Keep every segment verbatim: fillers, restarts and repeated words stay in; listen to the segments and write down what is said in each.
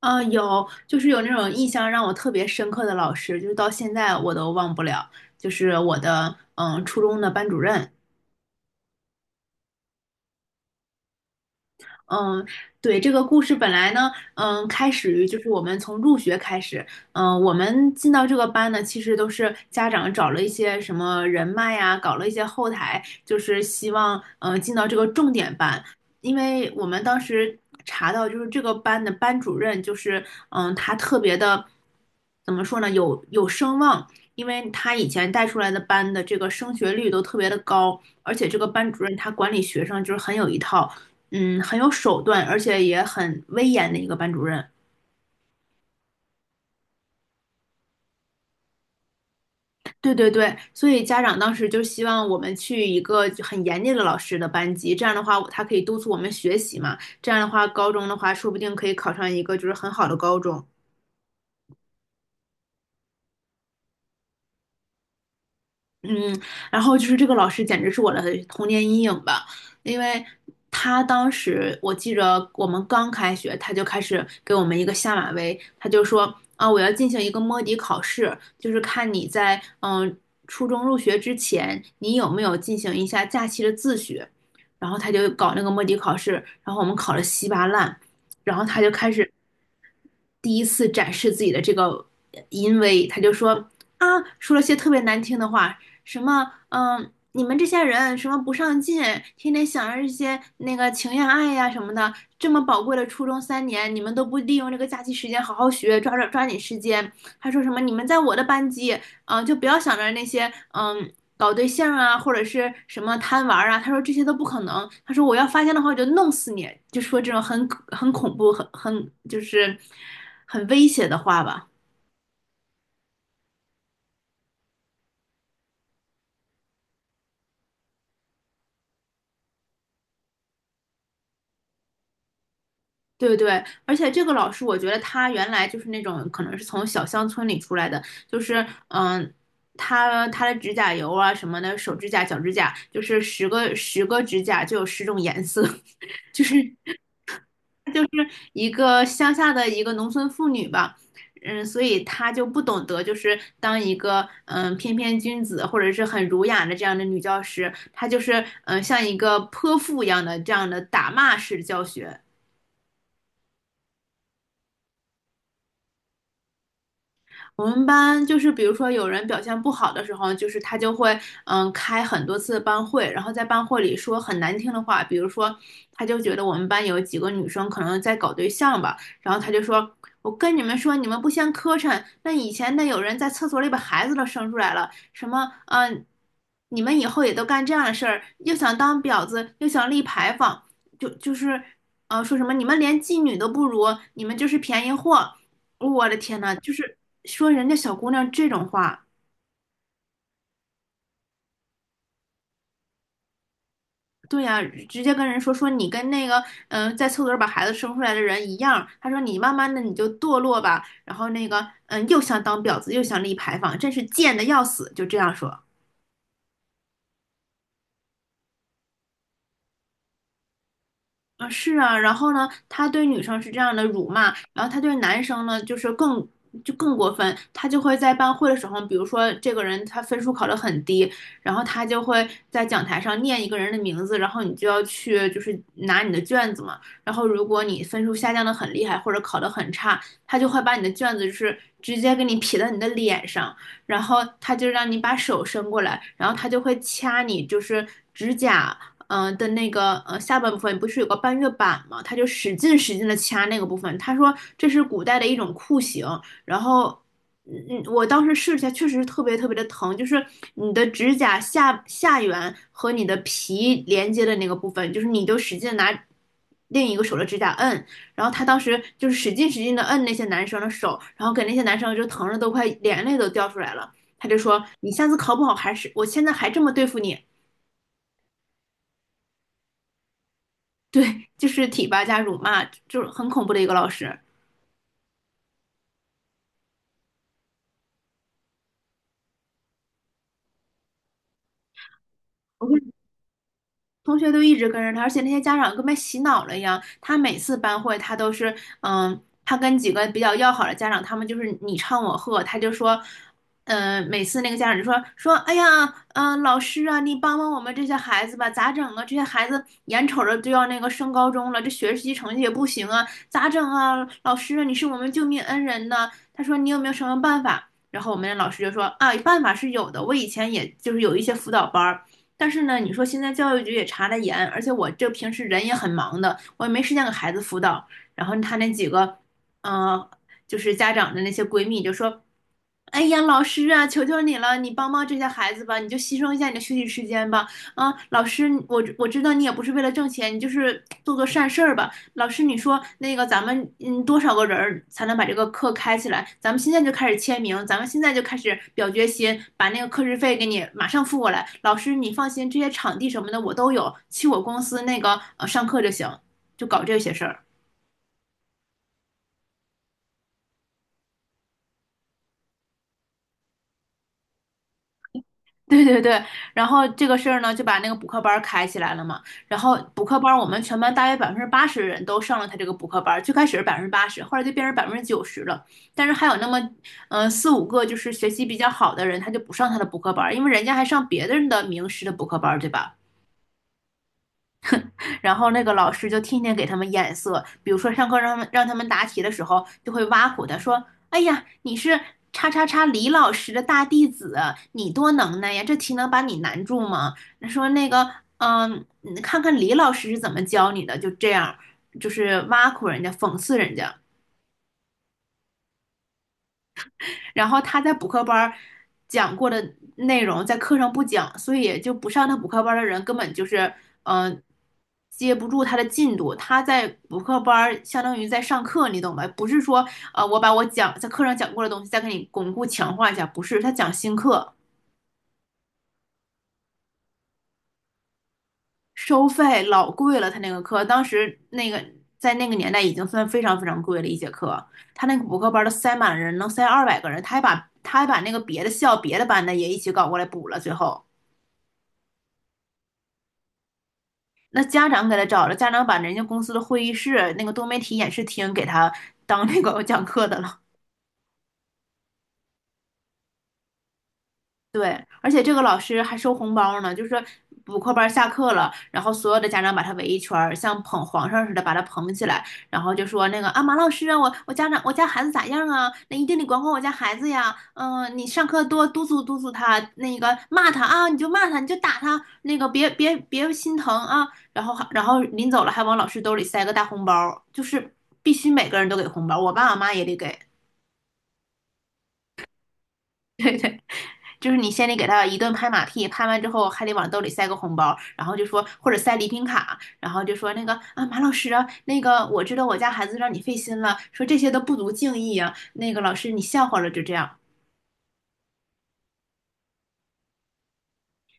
啊，有，就是有那种印象让我特别深刻的老师，就是到现在我都忘不了，就是我的嗯初中的班主任。嗯，对，这个故事本来呢，嗯，开始于就是我们从入学开始。嗯，我们进到这个班呢，其实都是家长找了一些什么人脉呀，搞了一些后台，就是希望嗯进到这个重点班，因为我们当时查到就是这个班的班主任就是嗯他特别的，怎么说呢，有有声望。因为他以前带出来的班的这个升学率都特别的高，而且这个班主任他管理学生就是很有一套，嗯，很有手段，而且也很威严的一个班主任。对对对，所以家长当时就希望我们去一个就很严厉的老师的班级，这样的话他可以督促我们学习嘛，这样的话高中的话说不定可以考上一个就是很好的高中。嗯，然后就是这个老师简直是我的童年阴影吧。因为他当时我记着我们刚开学，他就开始给我们一个下马威，他就说啊，我要进行一个摸底考试，就是看你在嗯初中入学之前，你有没有进行一下假期的自学，然后他就搞那个摸底考试，然后我们考得稀巴烂，然后他就开始第一次展示自己的这个淫威。他就说啊，说了些特别难听的话，什么嗯，你们这些人什么不上进，天天想着这些那个情呀爱呀什么的，这么宝贵的初中三年，你们都不利用这个假期时间好好学，抓着抓紧时间。还说什么你们在我的班级，嗯、呃就不要想着那些嗯搞对象啊，或者是什么贪玩啊，他说这些都不可能。他说我要发现的话，我就弄死你，就说这种很很恐怖、很很就是很威胁的话吧。对对，而且这个老师，我觉得他原来就是那种可能是从小乡村里出来的，就是嗯，他他的指甲油啊什么的，手指甲、脚指甲，就是十个十个指甲就有十种颜色，就是就是一个乡下的一个农村妇女吧。嗯，所以她就不懂得，就是当一个嗯翩翩君子或者是很儒雅的这样的女教师，她就是嗯像一个泼妇一样的这样的打骂式教学。我们班就是比如说有人表现不好的时候，就是他就会嗯开很多次班会，然后在班会里说很难听的话。比如说他就觉得我们班有几个女生可能在搞对象吧，然后他就说，我跟你们说，你们不嫌磕碜，那以前那有人在厕所里把孩子都生出来了，什么嗯、呃你们以后也都干这样的事儿，又想当婊子，又想立牌坊，就就是，呃，说什么你们连妓女都不如，你们就是便宜货，我的天呐，就是说人家小姑娘这种话。对呀、直接跟人说说你跟那个嗯、呃在厕所里把孩子生出来的人一样，他说你慢慢的你就堕落吧，然后那个嗯、又想当婊子又想立牌坊，真是贱的要死，就这样说。啊，是啊，然后呢，他对女生是这样的辱骂，然后他对男生呢，就是更就更过分。他就会在班会的时候，比如说这个人他分数考得很低，然后他就会在讲台上念一个人的名字，然后你就要去就是拿你的卷子嘛，然后如果你分数下降的很厉害或者考得很差，他就会把你的卷子就是直接给你撇到你的脸上，然后他就让你把手伸过来，然后他就会掐你就是指甲。嗯、呃的那个呃下半部分不是有个半月板吗？他就使劲使劲的掐那个部分。他说这是古代的一种酷刑，然后嗯嗯我当时试一下，确实是特别特别的疼，就是你的指甲下下缘和你的皮连接的那个部分，就是你就使劲拿另一个手的指甲摁，然后他当时就是使劲使劲的摁那些男生的手，然后给那些男生就疼的都快眼泪都掉出来了。他就说："你下次考不好还是我现在还这么对付你。"对，就是体罚加辱骂，就是很恐怖的一个老师。我就同学都一直跟着他，而且那些家长跟被洗脑了一样。他每次班会，他都是，嗯，他跟几个比较要好的家长，他们就是你唱我和，他就说，嗯、每次那个家长就说说，哎呀，嗯、老师啊，你帮帮我们这些孩子吧，咋整啊？这些孩子眼瞅着就要那个升高中了，这学习成绩也不行啊，咋整啊？老师啊，你是我们救命恩人呐。他说你有没有什么办法？然后我们的老师就说啊，办法是有的，我以前也就是有一些辅导班儿。但是呢，你说现在教育局也查得严，而且我这平时人也很忙的，我也没时间给孩子辅导。然后他那几个，嗯，就是家长的那些闺蜜就说，哎呀，老师啊，求求你了，你帮帮这些孩子吧，你就牺牲一下你的休息时间吧。啊，老师，我我知道你也不是为了挣钱，你就是做做善事儿吧。老师，你说那个咱们嗯多少个人儿才能把这个课开起来？咱们现在就开始签名，咱们现在就开始表决心，把那个课时费给你马上付过来。老师，你放心，这些场地什么的我都有，去我公司那个呃上课就行，就搞这些事儿。对对对，然后这个事儿呢，就把那个补课班儿开起来了嘛。然后补课班儿，我们全班大约百分之八十人都上了他这个补课班儿。最开始是百分之八十，后来就变成百分之九十了。但是还有那么，嗯、四五个就是学习比较好的人，他就不上他的补课班儿，因为人家还上别人的名师的补课班儿，对吧？然后那个老师就天天给他们眼色，比如说上课让他们让他们答题的时候，就会挖苦他说："哎呀，你是叉叉叉李老师的大弟子，你多能耐呀，这题能把你难住吗？"说那个，嗯，你看看李老师是怎么教你的，就这样，就是挖苦人家，讽刺人家。然后他在补课班儿讲过的内容在课上不讲，所以就不上他补课班儿的人根本就是嗯、呃接不住他的进度。他在补课班儿相当于在上课，你懂吧？不是说呃我把我讲在课上讲过的东西再给你巩固强化一下，不是，他讲新课，收费老贵了。他那个课当时那个在那个年代已经算非常非常贵了一节课。他那个补课班儿都塞满人，能塞二百个人，他还把他还把那个别的校别的班的也一起搞过来补了，最后。那家长给他找了，家长把人家公司的会议室那个多媒体演示厅给他当那个讲课的了。对，而且这个老师还收红包呢，就是补课班下课了，然后所有的家长把他围一圈儿像捧皇上似的把他捧起来，然后就说那个啊，马老师啊，我我家长我家孩子咋样啊？那一定得管管我家孩子呀，嗯、你上课多督促督促他，那个骂他啊，你就骂他，你就打他，那个别别别心疼啊。然后还然后临走了还往老师兜里塞个大红包，就是必须每个人都给红包，我爸我妈也得给。就是你先得给他一顿拍马屁，拍完之后还得往兜里塞个红包，然后就说或者塞礼品卡，然后就说那个啊马老师啊，那个我知道我家孩子让你费心了，说这些都不足敬意啊，那个老师你笑话了就这样。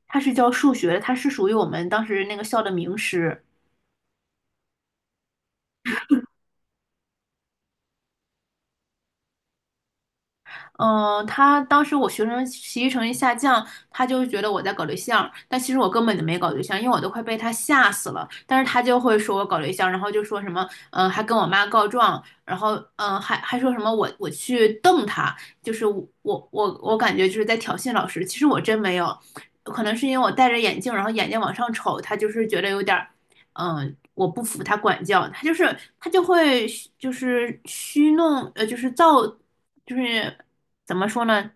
他是教数学，他是属于我们当时那个校的名师。嗯、呃他当时我学生学习成绩下降，他就觉得我在搞对象，但其实我根本就没搞对象，因为我都快被他吓死了。但是他就会说我搞对象，然后就说什么，嗯、还跟我妈告状，然后嗯、呃还还说什么我我去瞪他，就是我我我我感觉就是在挑衅老师，其实我真没有，可能是因为我戴着眼镜，然后眼睛往上瞅，他就是觉得有点儿嗯，我不服他管教，他就是他就会虚就是虚弄，呃，就是造，就是怎么说呢，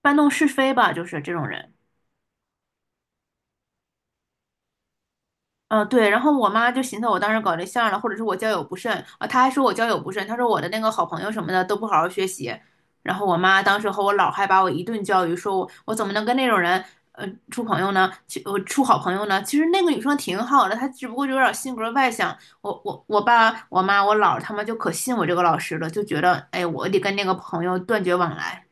搬弄是非吧，就是这种人。嗯，对，然后我妈就寻思我当时搞对象了，或者是我交友不慎啊，她还说我交友不慎，她说我的那个好朋友什么的都不好好学习，然后我妈当时和我姥还把我一顿教育，说我我怎么能跟那种人呃处朋友呢？去呃处好朋友呢？其实那个女生挺好的，她只不过就有点性格外向。我我我爸、我妈、我姥他们就可信我这个老师了，就觉得哎，我得跟那个朋友断绝往来。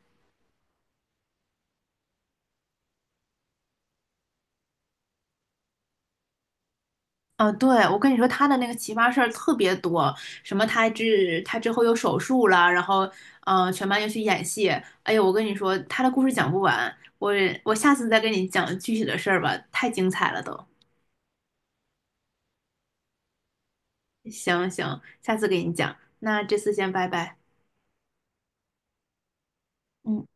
啊，对，我跟你说，他的那个奇葩事儿特别多，什么他之他之后又手术了，然后，嗯，全班又去演戏。哎呀，我跟你说，他的故事讲不完，我我下次再跟你讲具体的事儿吧，太精彩了都。行行，下次给你讲，那这次先拜拜。嗯。